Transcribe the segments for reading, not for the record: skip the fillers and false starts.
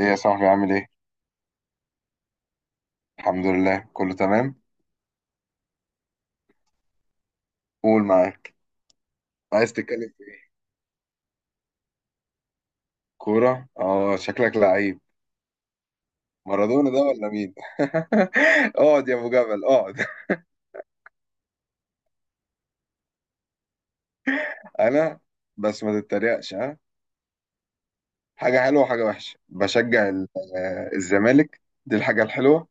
ايه يا صاحبي عامل ايه؟ الحمد لله كله تمام. قول معاك. عايز تتكلم في ايه؟ كورة؟ اه، شكلك لعيب. مارادونا ده ولا مين؟ اقعد يا ابو جبل اقعد. انا. بس ما تتريقش ها. حاجة حلوة وحاجة وحشة بشجع الزمالك. دي الحاجة الحلوة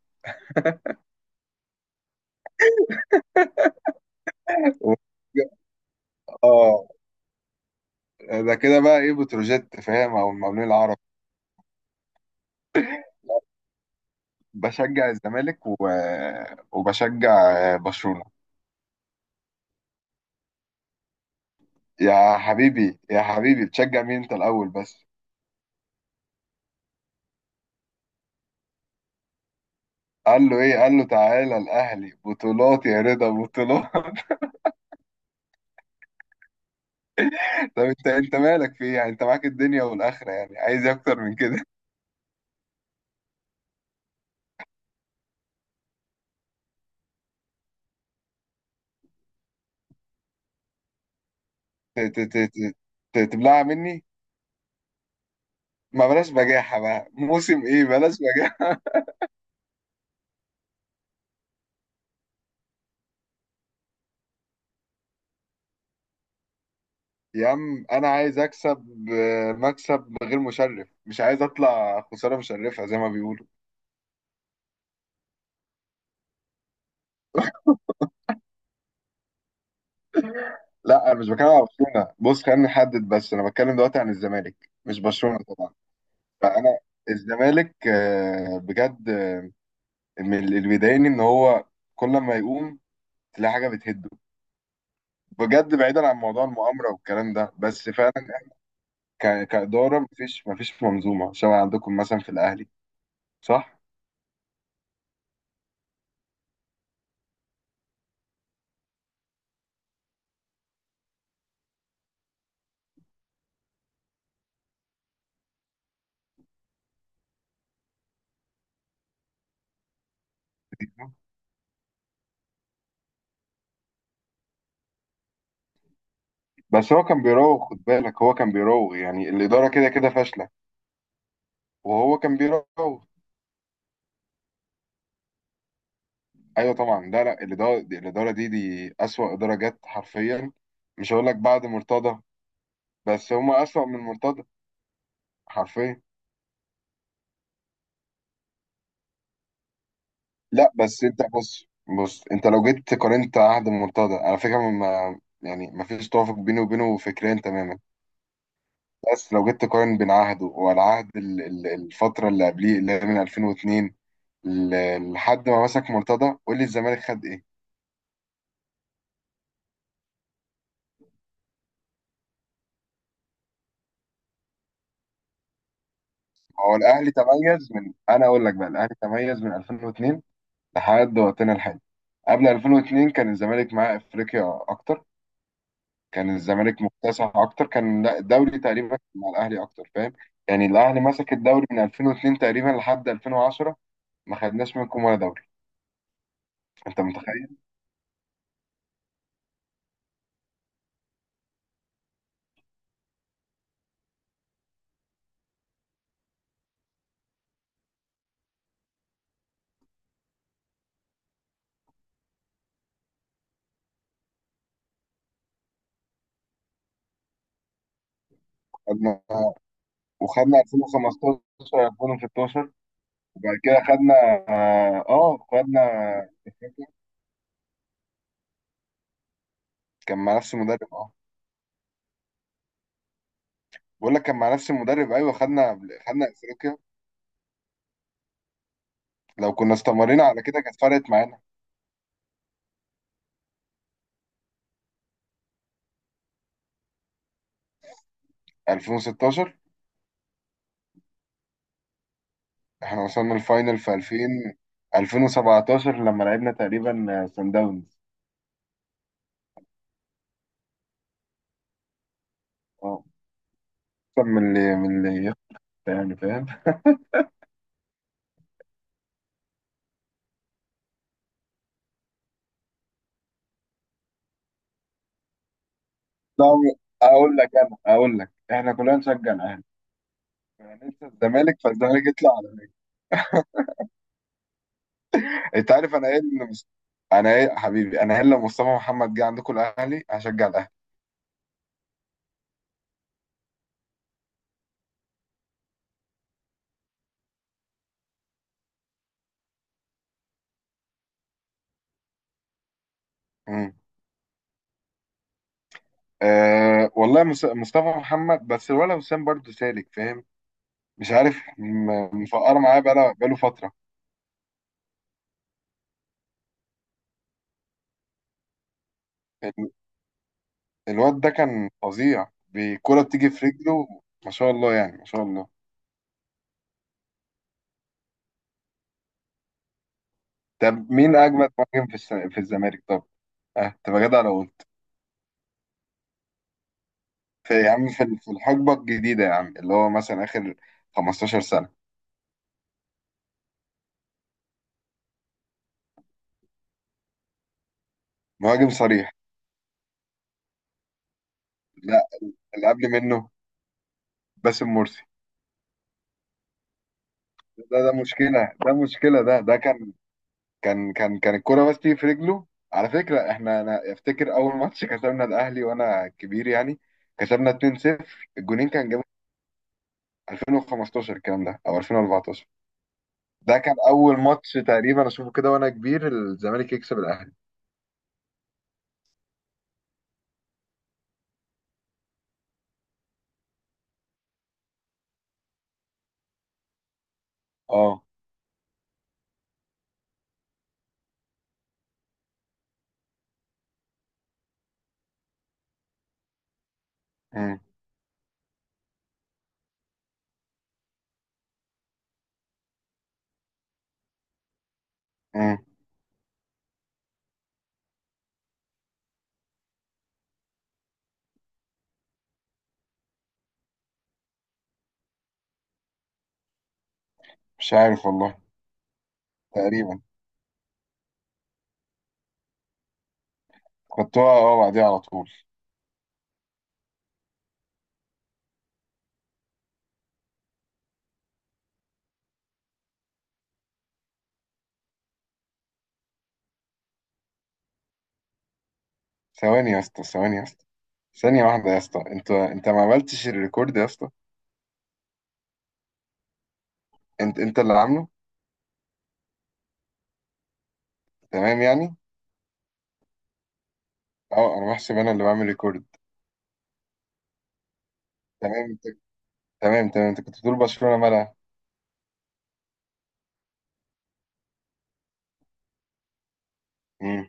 و... اه، ده كده بقى ايه، بتروجيت فاهم او المقاولين العرب؟ بشجع الزمالك وبشجع برشلونة. يا حبيبي يا حبيبي، بتشجع مين انت الاول بس؟ قال له ايه، قال له تعالى الاهلي بطولات يا رضا، بطولات. طب انت مالك في ايه يعني، انت معاك الدنيا والاخره يعني، عايز إيه اكتر من كده. ت- ت- ت- ت- تبلعها مني. ما بلاش بجاحه بقى، موسم ايه، بلاش بجاحه. يا عم، انا عايز اكسب مكسب غير مشرف، مش عايز اطلع خساره مشرفه زي ما بيقولوا. لا، انا مش بتكلم على برشلونه، بص خلينا نحدد بس، انا بتكلم دلوقتي عن الزمالك مش برشلونه طبعا. فانا الزمالك بجد، اللي بيضايقني ان هو كل ما يقوم تلاقي حاجه بتهده. بجد بعيدا عن موضوع المؤامره والكلام ده، بس فعلا كاداره، مفيش منظومه شبه عندكم مثلا في الاهلي. صح. بس هو كان بيراوغ، خد بالك، هو كان بيراوغ يعني، الاداره كده كده فاشله وهو كان بيراوغ. ايوه طبعا، لا لا، الاداره دي اسوأ اداره جت حرفيا. مش هقول لك بعد مرتضى، بس هم اسوأ من مرتضى. حرفيا. لا بس انت بص. بص، انت لو جيت قارنت عهد المنتدى، على فكره، ما يعني ما فيش توافق بيني وبينه فكريا تماما. بس لو جيت تقارن بين عهده والعهد الفتره اللي قبليه، اللي هي من 2002 لحد ما مسك مرتضى، قول لي الزمالك خد ايه. هو الاهلي تميز من، انا اقول لك بقى الاهلي تميز من 2002 لحد وقتنا الحالي. قبل 2002 كان الزمالك معاه افريقيا اكتر، كان الزمالك مكتسح اكتر، كان، لا، الدوري تقريبا مع الاهلي اكتر، فاهم. يعني الاهلي مسك الدوري من 2002 تقريبا لحد 2010، ما خدناش منكم ولا دوري. انت متخيل! خدنا، وخدنا 2015 2016، وبعد كده خدنا، اه، خدنا. كان مع نفس المدرب، اه. بقول لك كان مع نفس المدرب، ايوه، خدنا افريقيا، لو كنا استمرينا على كده كانت فرقت معانا. 2016 احنا وصلنا الفاينل، في 2000 2017 لما لعبنا تقريبا سان داونز. اه، احسن من اللي يخسر، يعني فاهم. لا، اقول لك، انا اقول لك احنا كلنا نشجع الاهلي، هنكسب الزمالك فالزمالك يطلع على الأهلي. انت عارف انا ايه اللي انا ايه حبيبي، انا ايه، لو مصطفى محمد جه عندكم الاهلي هشجع الاهلي. امم. أه والله مصطفى محمد، بس الولد وسام برضه سالك فاهم، مش عارف مفقر معاه بقاله فتره. ال- الواد ده كان فظيع، بكرة بتيجي في رجله ما شاء الله يعني، ما شاء الله. طب مين اجمد مهاجم في في الزمالك طب؟ اه، تبقى جدع لو قلت. في يا عم، في الحقبة الجديدة يا عم، اللي هو مثلا آخر 15 سنة، مهاجم صريح. لا، اللي قبل منه باسم مرسي. ده مشكلة، ده مشكلة، ده كان الكرة بس تيجي في رجله. على فكرة، انا افتكر اول ماتش كسبنا الاهلي وانا كبير يعني، كسبنا 2-0، الجونين كان جابوا 2015 الكلام ده او 2014. ده كان اول ماتش تقريبا اشوفه كده وانا كبير الزمالك يكسب الاهلي. اه. امم. امم. مش عارف والله. تقريبا. خدتوها اه بعديها على طول. ثواني يا اسطى، ثواني يا اسطى، ثانية واحدة يا اسطى. انت ما عملتش الريكورد يا اسطى. انت اللي عامله. تمام يعني. اه، انا بحسب انا اللي بعمل ريكورد. تمام انت. تمام تمام، انت كنت بتقول برشلونة مالها. امم.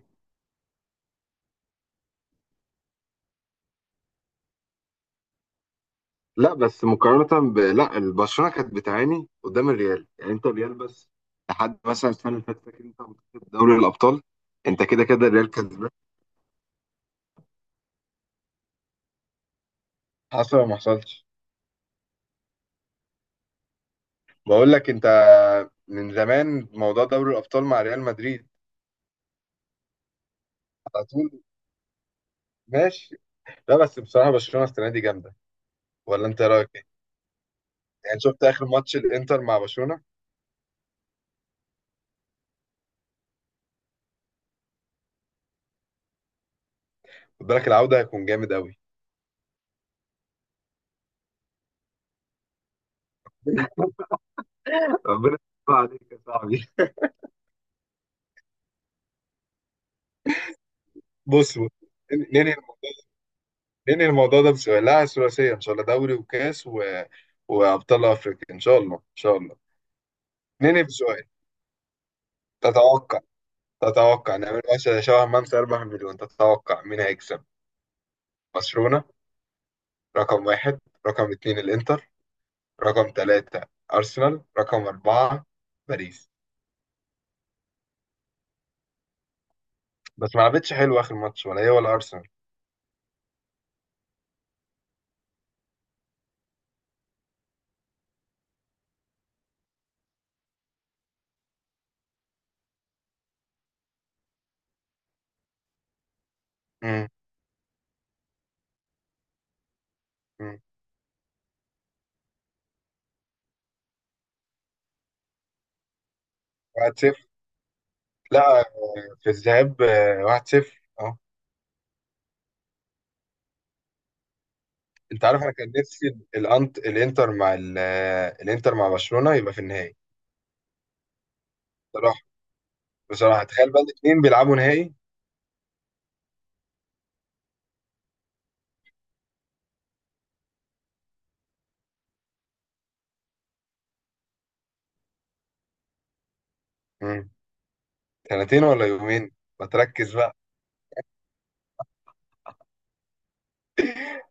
لا بس لا البرشلونة كانت بتعاني قدام الريال يعني، انت الريال بس لحد مثلا السنة اللي فاتت، فاكر انت، متصل دوري الأبطال، انت كده كده الريال كسبان، حصل ولا ما حصلش. بقول لك انت، من زمان موضوع دوري الابطال مع ريال مدريد. ماشي. لا بس بصراحة برشلونة السنة دي جامدة، ولا أنت رأيك إيه؟ يعني شفت آخر ماتش الإنتر مع برشلونة. خد بالك العودة هيكون جامد أوي. ربنا يستر عليك يا صاحبي. بص، بص، ننهي ننهي الموضوع ده بسؤال. لا، ثلاثية إن شاء الله، دوري وكاس وأبطال أفريقيا إن شاء الله إن شاء الله. ننهي بسؤال. تتوقع تتوقع نعمل مثلا شبه ممسى 4 مليون، تتوقع مين هيكسب؟ برشلونة رقم واحد، رقم اتنين الإنتر، رقم تلاتة أرسنال، رقم أربعة باريس. بس ما لعبتش حلو اخر ماتش ولا هي ولا ارسنال. امم. امم. 1-0. لا، في الذهاب 1-0 اه. انت عارف انا كان نفسي الانتر مع الانتر مع برشلونة يبقى في النهائي. بصراحة. بصراحة تخيل بقى الاثنين بيلعبوا نهائي. امم. سنتين ولا يومين. ما تركز بقى.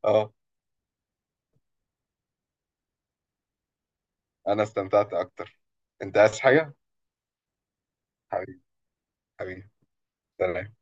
اه. انا استمتعت اكتر. انت عايز حاجة؟ حبيبي. حبيبي. سلام.